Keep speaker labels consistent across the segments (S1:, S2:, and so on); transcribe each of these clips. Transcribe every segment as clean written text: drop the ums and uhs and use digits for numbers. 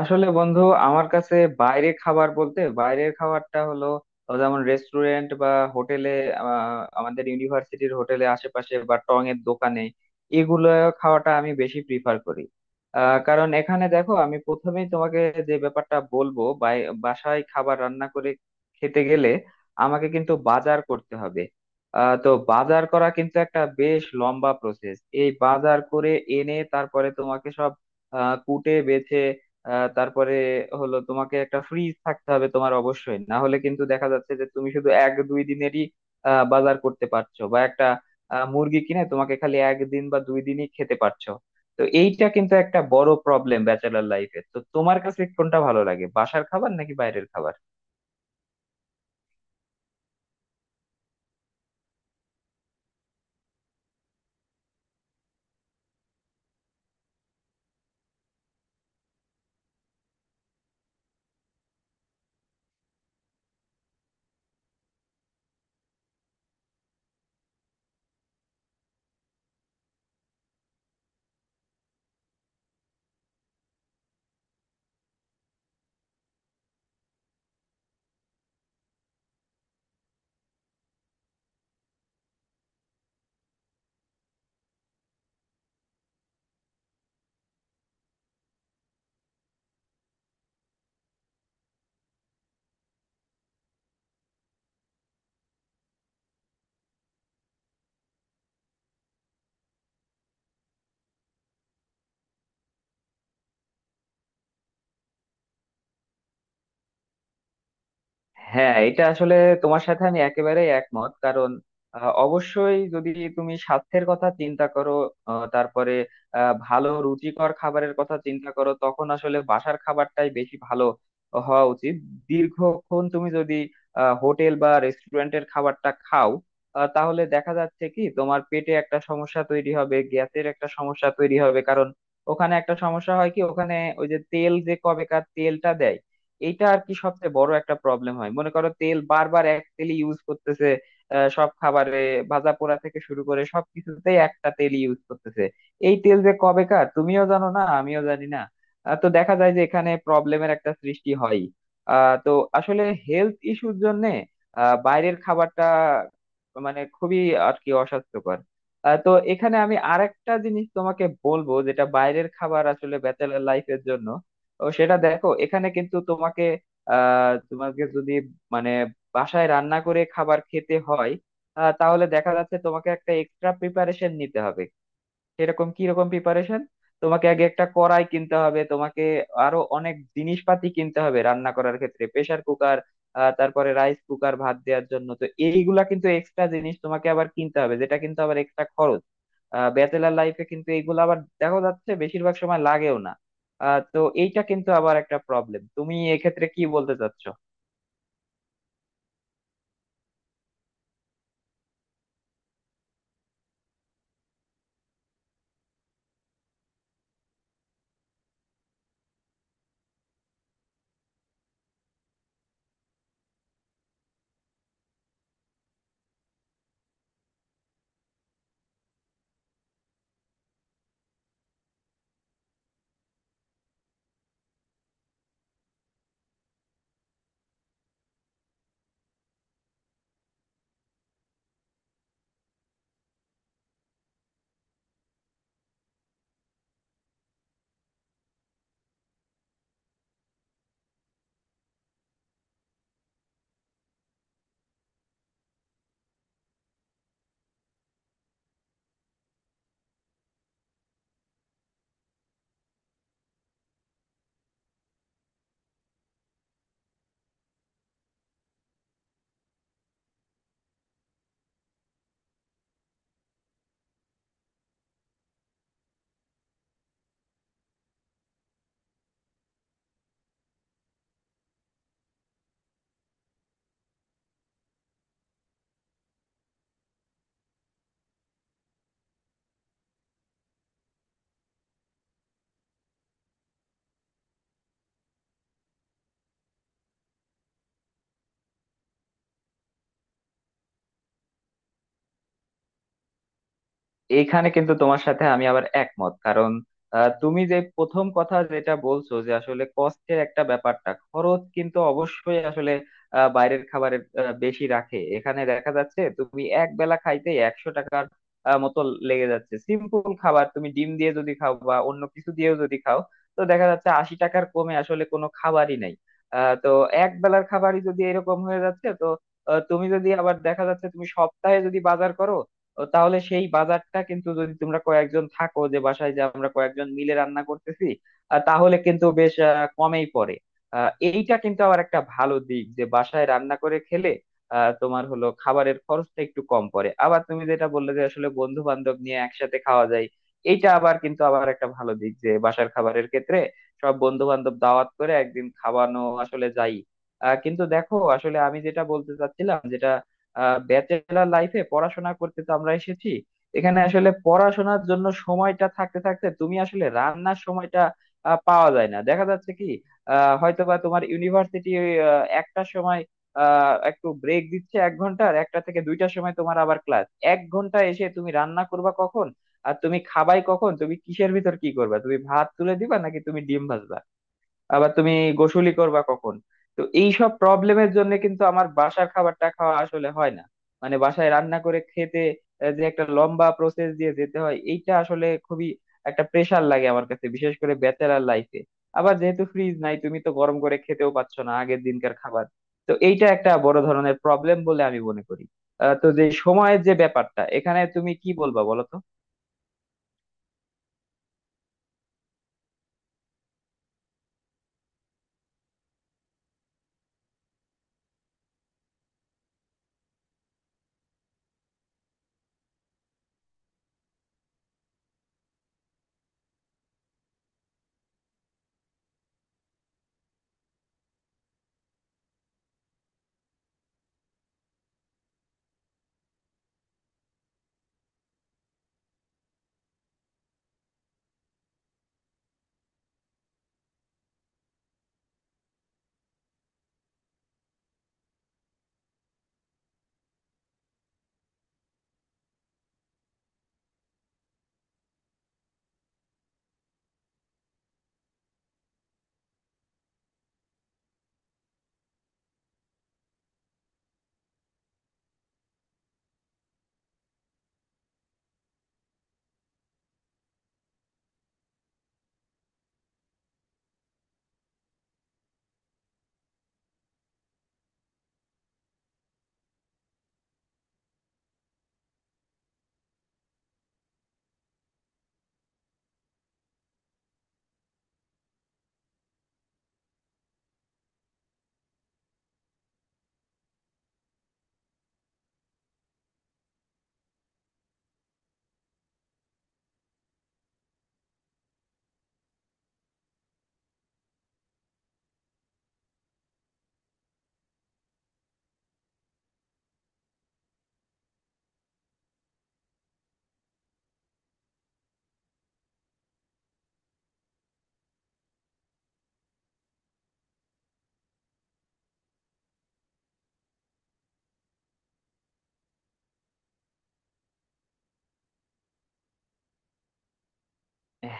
S1: আসলে বন্ধু, আমার কাছে বাইরে খাবার বলতে বাইরের খাবারটা হলো যেমন রেস্টুরেন্ট বা হোটেলে, আমাদের ইউনিভার্সিটির হোটেলে আশেপাশে বা টং এর দোকানে, এগুলো খাওয়াটা আমি বেশি প্রিফার করি। কারণ এখানে দেখো, আমি প্রথমেই তোমাকে যে ব্যাপারটা বলবো, বাসায় খাবার রান্না করে খেতে গেলে আমাকে কিন্তু বাজার করতে হবে। তো বাজার করা কিন্তু একটা বেশ লম্বা প্রসেস। এই বাজার করে এনে তারপরে তোমাকে সব কুটে বেছে তারপরে হলো, তোমাকে একটা ফ্রিজ থাকতে হবে তোমার অবশ্যই, না হলে কিন্তু দেখা যাচ্ছে যে তুমি শুধু এক দুই দিনেরই বাজার করতে পারছো, বা একটা মুরগি কিনে তোমাকে খালি একদিন বা দুই দিনই খেতে পারছো। তো এইটা কিন্তু একটা বড় প্রবলেম ব্যাচেলর লাইফে। তো তোমার কাছে কোনটা ভালো লাগে, বাসার খাবার নাকি বাইরের খাবার? হ্যাঁ, এটা আসলে তোমার সাথে আমি একেবারে একমত, কারণ অবশ্যই যদি তুমি স্বাস্থ্যের কথা চিন্তা করো, তারপরে ভালো রুচিকর খাবারের কথা চিন্তা করো, তখন আসলে বাসার খাবারটাই বেশি ভালো হওয়া উচিত। দীর্ঘক্ষণ তুমি যদি হোটেল বা রেস্টুরেন্টের খাবারটা খাও, তাহলে দেখা যাচ্ছে কি তোমার পেটে একটা সমস্যা তৈরি হবে, গ্যাসের একটা সমস্যা তৈরি হবে। কারণ ওখানে একটা সমস্যা হয় কি, ওখানে ওই যে তেল, যে কবেকার তেলটা দেয়, এইটা আর কি সবচেয়ে বড় একটা প্রবলেম হয়। মনে করো, তেল বারবার এক তেলই ইউজ করতেছে সব খাবারে। ভাজা পোড়া থেকে শুরু করে সব কিছুতেই একটা তেল ইউজ করতেছে। এই তেল যে কবেকার তুমিও জানো না, আমিও জানি না। তো দেখা যায় যে এখানে প্রবলেমের একটা সৃষ্টি হয়। তো আসলে হেলথ ইস্যুর জন্য বাইরের খাবারটা মানে খুবই আর কি অস্বাস্থ্যকর। তো এখানে আমি আরেকটা জিনিস তোমাকে বলবো, যেটা বাইরের খাবার আসলে ব্যাচেলার লাইফের জন্য। ও সেটা দেখো, এখানে কিন্তু তোমাকে তোমাকে যদি মানে বাসায় রান্না করে খাবার খেতে হয়, তাহলে দেখা যাচ্ছে তোমাকে একটা এক্সট্রা প্রিপারেশন নিতে হবে। এরকম কি রকম প্রিপারেশন? তোমাকে আগে একটা কড়াই কিনতে হবে, তোমাকে আরো অনেক জিনিসপাতি কিনতে হবে রান্না করার ক্ষেত্রে, প্রেসার কুকার, তারপরে রাইস কুকার ভাত দেওয়ার জন্য। তো এইগুলা কিন্তু এক্সট্রা জিনিস তোমাকে আবার কিনতে হবে, যেটা কিন্তু আবার এক্সট্রা খরচ। ব্যাচেলার লাইফে কিন্তু এগুলো আবার দেখা যাচ্ছে বেশিরভাগ সময় লাগেও না। তো এইটা কিন্তু আবার একটা প্রবলেম। তুমি এক্ষেত্রে কি বলতে চাচ্ছ? এইখানে কিন্তু তোমার সাথে আমি আবার একমত, কারণ তুমি যে প্রথম কথা যেটা বলছো যে আসলে কষ্টের একটা ব্যাপারটা, খরচ কিন্তু অবশ্যই আসলে বাইরের খাবারের বেশি রাখে। এখানে দেখা যাচ্ছে তুমি এক বেলা খাইতে 100 টাকার মতো লেগে যাচ্ছে। সিম্পল খাবার তুমি ডিম দিয়ে যদি খাও বা অন্য কিছু দিয়েও যদি খাও, তো দেখা যাচ্ছে 80 টাকার কমে আসলে কোনো খাবারই নাই। তো এক বেলার খাবারই যদি এরকম হয়ে যাচ্ছে, তো তুমি যদি আবার দেখা যাচ্ছে তুমি সপ্তাহে যদি বাজার করো, ও তাহলে সেই বাজারটা কিন্তু, যদি তোমরা কয়েকজন থাকো, যে বাসায় যে আমরা কয়েকজন মিলে রান্না করতেছি, তাহলে কিন্তু বেশ কমেই পড়ে। এইটা কিন্তু আবার একটা ভালো দিক যে বাসায় রান্না করে খেলে তোমার হলো খাবারের খরচটা একটু কম পড়ে। আবার তুমি যেটা বললে যে আসলে বন্ধু বান্ধব নিয়ে একসাথে খাওয়া যায়, এইটা আবার কিন্তু আবার একটা ভালো দিক যে বাসার খাবারের ক্ষেত্রে সব বন্ধু বান্ধব দাওয়াত করে একদিন খাওয়ানো আসলে যাই। কিন্তু দেখো, আসলে আমি যেটা বলতে চাচ্ছিলাম, যেটা ব্যাচেলার লাইফে পড়াশোনা করতে তো আমরা এসেছি, এখানে আসলে পড়াশোনার জন্য সময়টা থাকতে থাকতে তুমি আসলে রান্নার সময়টা পাওয়া যায় না। দেখা যাচ্ছে কি, হয়তো বা তোমার ইউনিভার্সিটি একটার সময় একটু ব্রেক দিচ্ছে এক ঘন্টার, একটা থেকে দুইটার সময় তোমার আবার ক্লাস। এক ঘন্টা এসে তুমি রান্না করবা কখন? আর তুমি খাবাই কখন? তুমি কিসের ভিতর কি করবা? তুমি ভাত তুলে দিবা নাকি তুমি ডিম ভাজবা? আবার তুমি গোসুলি করবা কখন? তো এইসব প্রবলেমের জন্য কিন্তু আমার বাসার খাবারটা খাওয়া আসলে হয় না। মানে বাসায় রান্না করে খেতে যে একটা লম্বা প্রসেস দিয়ে যেতে হয়, এইটা আসলে খুবই একটা প্রেশার লাগে আমার কাছে, বিশেষ করে ব্যাচেলার লাইফে। আবার যেহেতু ফ্রিজ নাই, তুমি তো গরম করে খেতেও পাচ্ছ না আগের দিনকার খাবার। তো এইটা একটা বড় ধরনের প্রবলেম বলে আমি মনে করি। তো যে সময়ের যে ব্যাপারটা, এখানে তুমি কি বলবা বলো তো?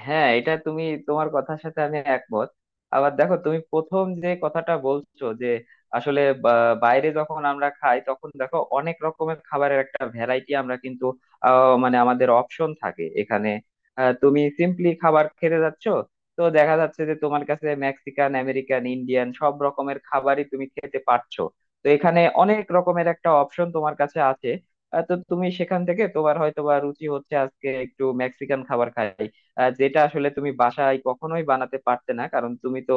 S1: হ্যাঁ, এটা তুমি, তোমার কথার সাথে আমি একমত। আবার দেখো তুমি প্রথম যে কথাটা বলছো যে আসলে বাইরে যখন আমরা খাই, তখন দেখো অনেক রকমের খাবারের একটা ভ্যারাইটি আমরা কিন্তু মানে আমাদের অপশন থাকে এখানে। তুমি সিম্পলি খাবার খেতে যাচ্ছ, তো দেখা যাচ্ছে যে তোমার কাছে মেক্সিকান, আমেরিকান, ইন্ডিয়ান সব রকমের খাবারই তুমি খেতে পারছো। তো এখানে অনেক রকমের একটা অপশন তোমার কাছে আছে। তো তুমি সেখান থেকে তোমার হয়তো বা রুচি হচ্ছে আজকে একটু মেক্সিকান খাবার খাই, যেটা আসলে তুমি বাসায় কখনোই বানাতে পারতে না, কারণ তুমি তো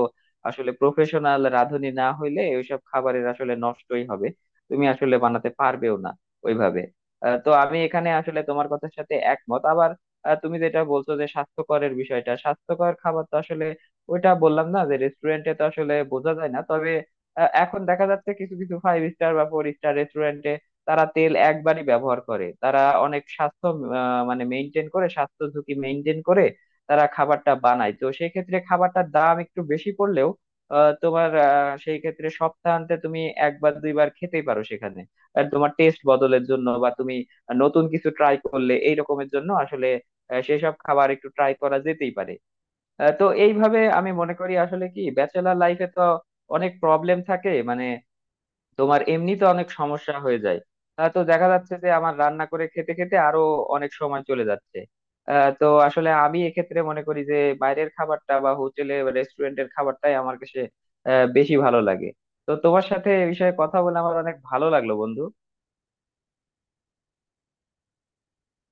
S1: আসলে প্রফেশনাল রাঁধুনি না হইলে ওইসব খাবারের আসলে নষ্টই হবে, তুমি আসলে বানাতে পারবেও না ওইভাবে। তো আমি এখানে আসলে তোমার কথার সাথে একমত। আবার তুমি যেটা বলছো যে স্বাস্থ্যকরের বিষয়টা, স্বাস্থ্যকর খাবার তো আসলে ওইটা বললাম না যে রেস্টুরেন্টে তো আসলে বোঝা যায় না। তবে এখন দেখা যাচ্ছে কিছু কিছু ফাইভ স্টার বা ফোর স্টার রেস্টুরেন্টে তারা তেল একবারই ব্যবহার করে, তারা অনেক স্বাস্থ্য মানে মেনটেন করে, স্বাস্থ্য ঝুঁকি মেনটেন করে তারা খাবারটা বানায়। তো সেই ক্ষেত্রে খাবারটার দাম একটু বেশি পড়লেও তোমার সেই ক্ষেত্রে সপ্তাহান্তে তুমি একবার দুইবার খেতেই পারো সেখানে। আর তোমার টেস্ট বদলের জন্য বা তুমি নতুন কিছু ট্রাই করলে, এই রকমের জন্য আসলে সেসব খাবার একটু ট্রাই করা যেতেই পারে। তো এইভাবে আমি মনে করি, আসলে কি ব্যাচেলার লাইফে তো অনেক প্রবলেম থাকে, মানে তোমার এমনিতে অনেক সমস্যা হয়ে যায়। তো দেখা যাচ্ছে যে আমার রান্না করে খেতে খেতে আরো অনেক সময় চলে যাচ্ছে। তো আসলে আমি এক্ষেত্রে মনে করি যে বাইরের খাবারটা বা হোটেলে বা রেস্টুরেন্টের খাবারটাই আমার কাছে বেশি ভালো লাগে। তো তোমার সাথে এ বিষয়ে কথা বলে আমার অনেক ভালো লাগলো বন্ধু।